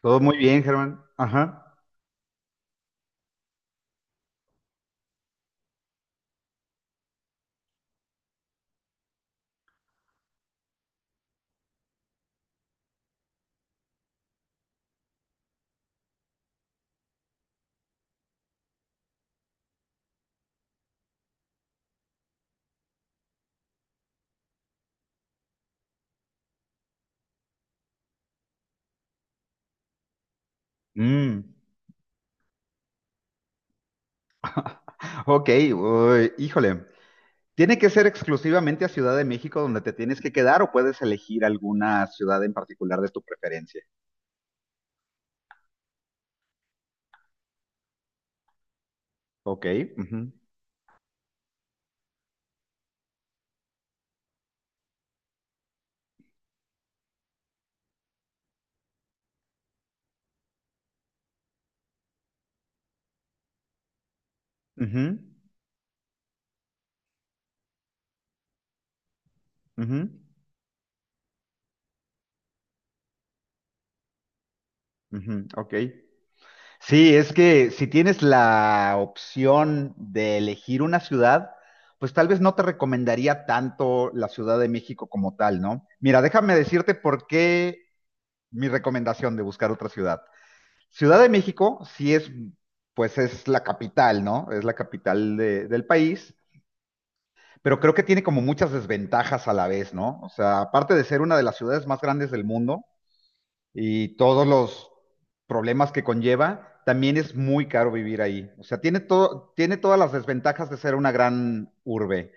Todo muy bien, Germán. Ajá. Mm. Ok, uy, híjole. ¿Tiene que ser exclusivamente a Ciudad de México donde te tienes que quedar o puedes elegir alguna ciudad en particular de tu preferencia? Ok. Ujú. Ujú. Ujú. Ujú. Ok. Sí, es que si tienes la opción de elegir una ciudad, pues tal vez no te recomendaría tanto la Ciudad de México como tal, ¿no? Mira, déjame decirte por qué mi recomendación de buscar otra ciudad. Ciudad de México sí es, pues es la capital, ¿no? Es la capital del país, pero creo que tiene como muchas desventajas a la vez, ¿no? O sea, aparte de ser una de las ciudades más grandes del mundo, y todos los problemas que conlleva, también es muy caro vivir ahí. O sea, tiene todo, tiene todas las desventajas de ser una gran urbe.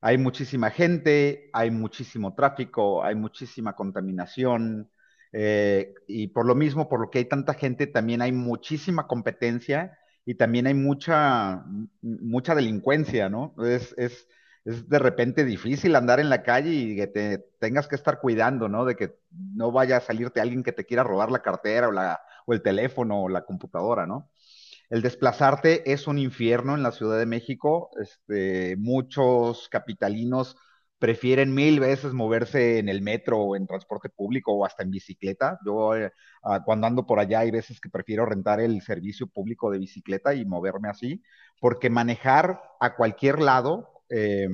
Hay muchísima gente, hay muchísimo tráfico, hay muchísima contaminación, y por lo mismo, por lo que hay tanta gente, también hay muchísima competencia y también hay mucha delincuencia, ¿no? Es de repente difícil andar en la calle y que te tengas que estar cuidando, ¿no? De que no vaya a salirte alguien que te quiera robar la cartera o el teléfono o la computadora, ¿no? El desplazarte es un infierno en la Ciudad de México. Este, muchos capitalinos prefieren mil veces moverse en el metro o en transporte público o hasta en bicicleta. Yo cuando ando por allá hay veces que prefiero rentar el servicio público de bicicleta y moverme así, porque manejar a cualquier lado,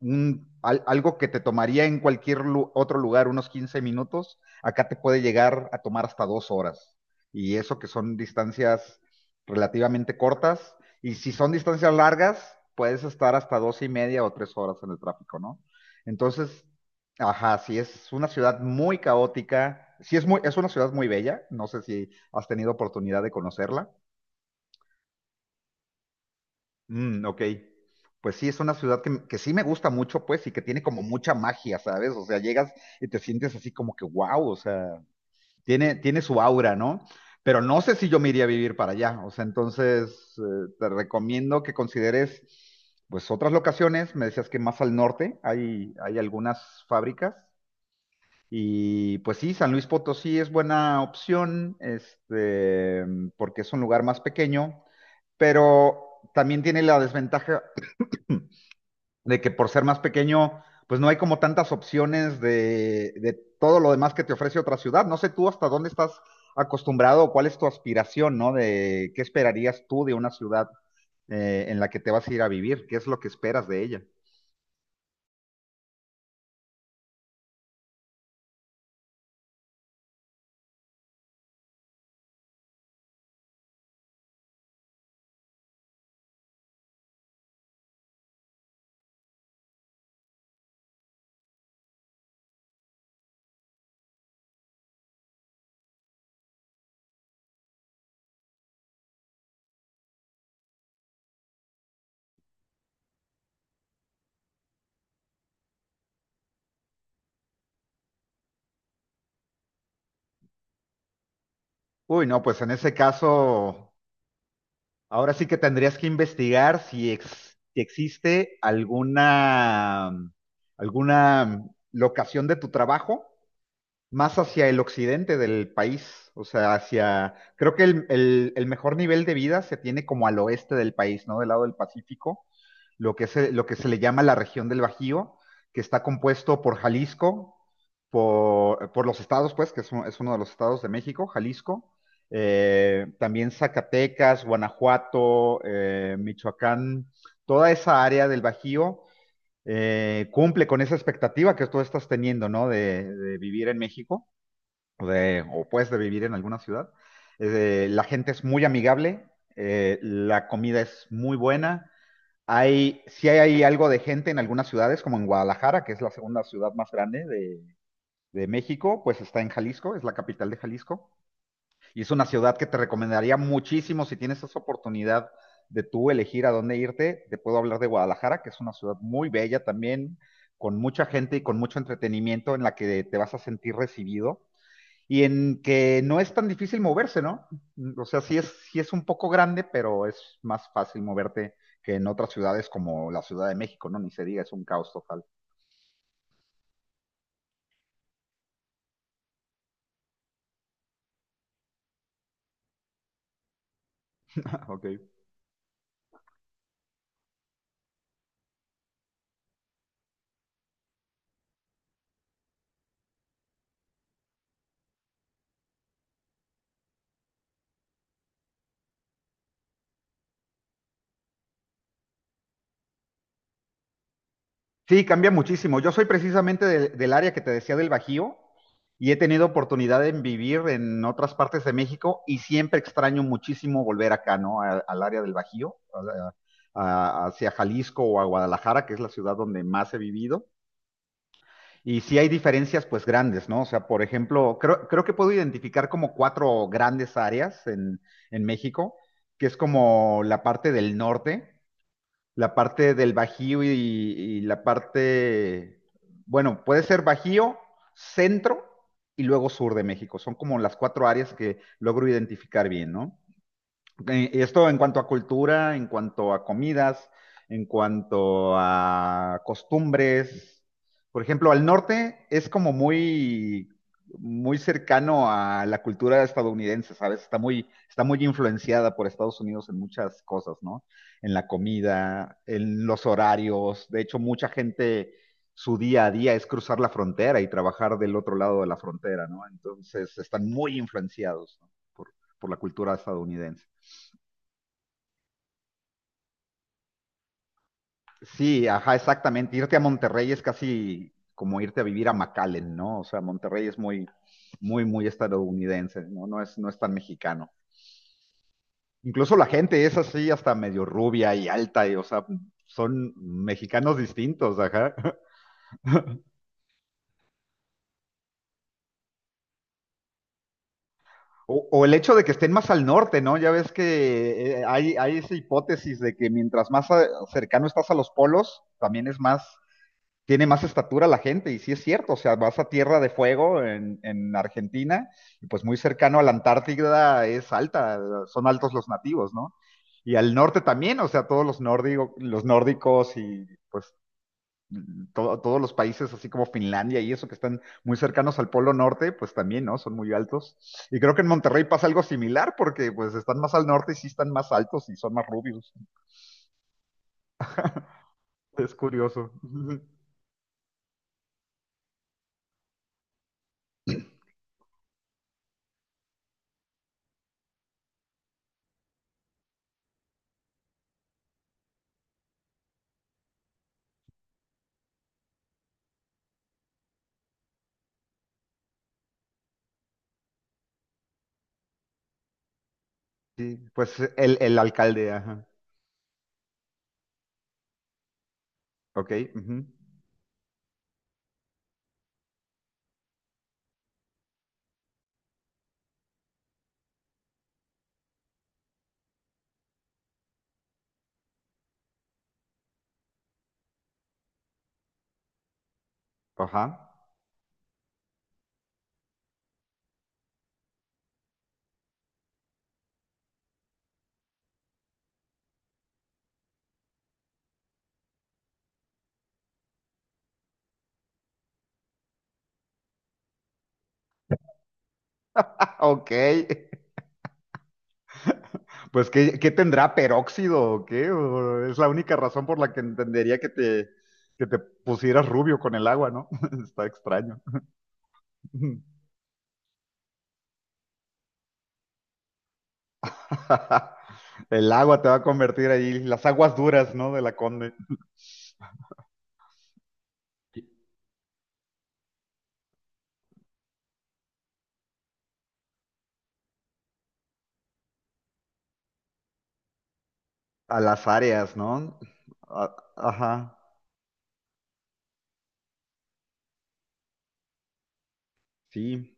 algo que te tomaría en cualquier otro lugar unos 15 minutos, acá te puede llegar a tomar hasta 2 horas. Y eso que son distancias relativamente cortas. Y si son distancias largas, puedes estar hasta dos y media o 3 horas en el tráfico, ¿no? Entonces, ajá, sí, es una ciudad muy caótica. Sí, es una ciudad muy bella. No sé si has tenido oportunidad de conocerla. Mm, ok. Pues sí, es una ciudad que sí me gusta mucho, pues, y que tiene como mucha magia, ¿sabes? O sea, llegas y te sientes así como que wow, o sea. Tiene, tiene su aura, ¿no? Pero no sé si yo me iría a vivir para allá. O sea, entonces te recomiendo que consideres pues otras locaciones. Me decías que más al norte hay algunas fábricas. Y pues sí, San Luis Potosí es buena opción, este, porque es un lugar más pequeño, pero también tiene la desventaja de que por ser más pequeño, pues no hay como tantas opciones de todo lo demás que te ofrece otra ciudad. No sé tú hasta dónde estás acostumbrado o cuál es tu aspiración, ¿no? De qué esperarías tú de una ciudad en la que te vas a ir a vivir, qué es lo que esperas de ella. Uy, no, pues en ese caso, ahora sí que tendrías que investigar si existe alguna locación de tu trabajo más hacia el occidente del país, o sea, hacia, creo que el mejor nivel de vida se tiene como al oeste del país, ¿no? Del lado del Pacífico, lo que se le llama la región del Bajío, que está compuesto por Jalisco, por los estados, pues, que es, es uno de los estados de México, Jalisco, también Zacatecas, Guanajuato, Michoacán, toda esa área del Bajío. Eh, cumple con esa expectativa que tú estás teniendo, ¿no? de vivir en México o pues de vivir en alguna ciudad. La gente es muy amigable, la comida es muy buena. Sí hay algo de gente en algunas ciudades, como en Guadalajara, que es la segunda ciudad más grande de México, pues está en Jalisco, es la capital de Jalisco. Y es una ciudad que te recomendaría muchísimo si tienes esa oportunidad de tú elegir a dónde irte. Te puedo hablar de Guadalajara, que es una ciudad muy bella también, con mucha gente y con mucho entretenimiento en la que te vas a sentir recibido y en que no es tan difícil moverse, ¿no? Mm. O sea, sí es un poco grande, pero es más fácil moverte que en otras ciudades como la Ciudad de México, ¿no? Ni se diga, es un caos total. Ok. Sí, cambia muchísimo. Yo soy precisamente del, del área que te decía del Bajío y he tenido oportunidad de vivir en otras partes de México y siempre extraño muchísimo volver acá, ¿no? A- al área del Bajío, a- hacia Jalisco o a Guadalajara, que es la ciudad donde más he vivido. Y sí hay diferencias pues grandes, ¿no? O sea, por ejemplo, creo, creo que puedo identificar como cuatro grandes áreas en México, que es como la parte del norte, la parte del Bajío y la parte, bueno, puede ser Bajío, centro y luego sur de México. Son como las cuatro áreas que logro identificar bien, ¿no? Esto en cuanto a cultura, en cuanto a comidas, en cuanto a costumbres. Por ejemplo, al norte es como muy, muy cercano a la cultura estadounidense, ¿sabes? Está muy influenciada por Estados Unidos en muchas cosas, ¿no? En la comida, en los horarios. De hecho, mucha gente, su día a día es cruzar la frontera y trabajar del otro lado de la frontera, ¿no? Entonces, están muy influenciados, ¿no? por, por la cultura estadounidense. Sí, ajá, exactamente. Irte a Monterrey es casi como irte a vivir a McAllen, ¿no? O sea, Monterrey es muy, muy, muy estadounidense, ¿no? No es tan mexicano. Incluso la gente es así, hasta medio rubia y alta, y, o sea, son mexicanos distintos, ajá. O el hecho de que estén más al norte, ¿no? Ya ves que hay esa hipótesis de que mientras más cercano estás a los polos, también es más tiene más estatura la gente, y sí es cierto, o sea, vas a Tierra de Fuego en Argentina, y pues muy cercano a la Antártida es alta, son altos los nativos, ¿no? Y al norte también, o sea, todos los nórdicos y pues todos los países, así como Finlandia y eso, que están muy cercanos al Polo Norte, pues también, ¿no? Son muy altos. Y creo que en Monterrey pasa algo similar, porque pues están más al norte y sí están más altos y son más rubios. Es curioso. Sí, pues el alcalde, ajá. Ok, ujú, ajá. Ok, pues ¿qué, qué tendrá peróxido o qué? ¿O es la única razón por la que entendería que te pusieras rubio con el agua, ¿no? Está extraño. El agua te va a convertir ahí, las aguas duras, ¿no? De la Conde. A las áreas, ¿no? Ajá, sí.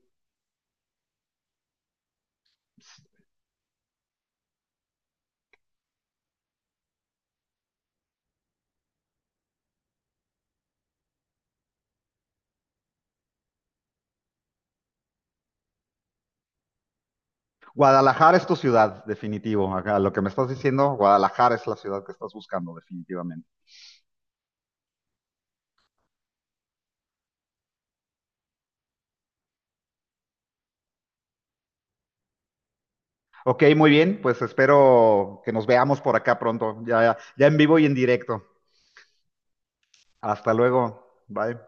Guadalajara es tu ciudad, definitivo. Ajá, lo que me estás diciendo, Guadalajara es la ciudad que estás buscando, definitivamente. Ok, muy bien, pues espero que nos veamos por acá pronto, ya, ya en vivo y en directo. Hasta luego. Bye.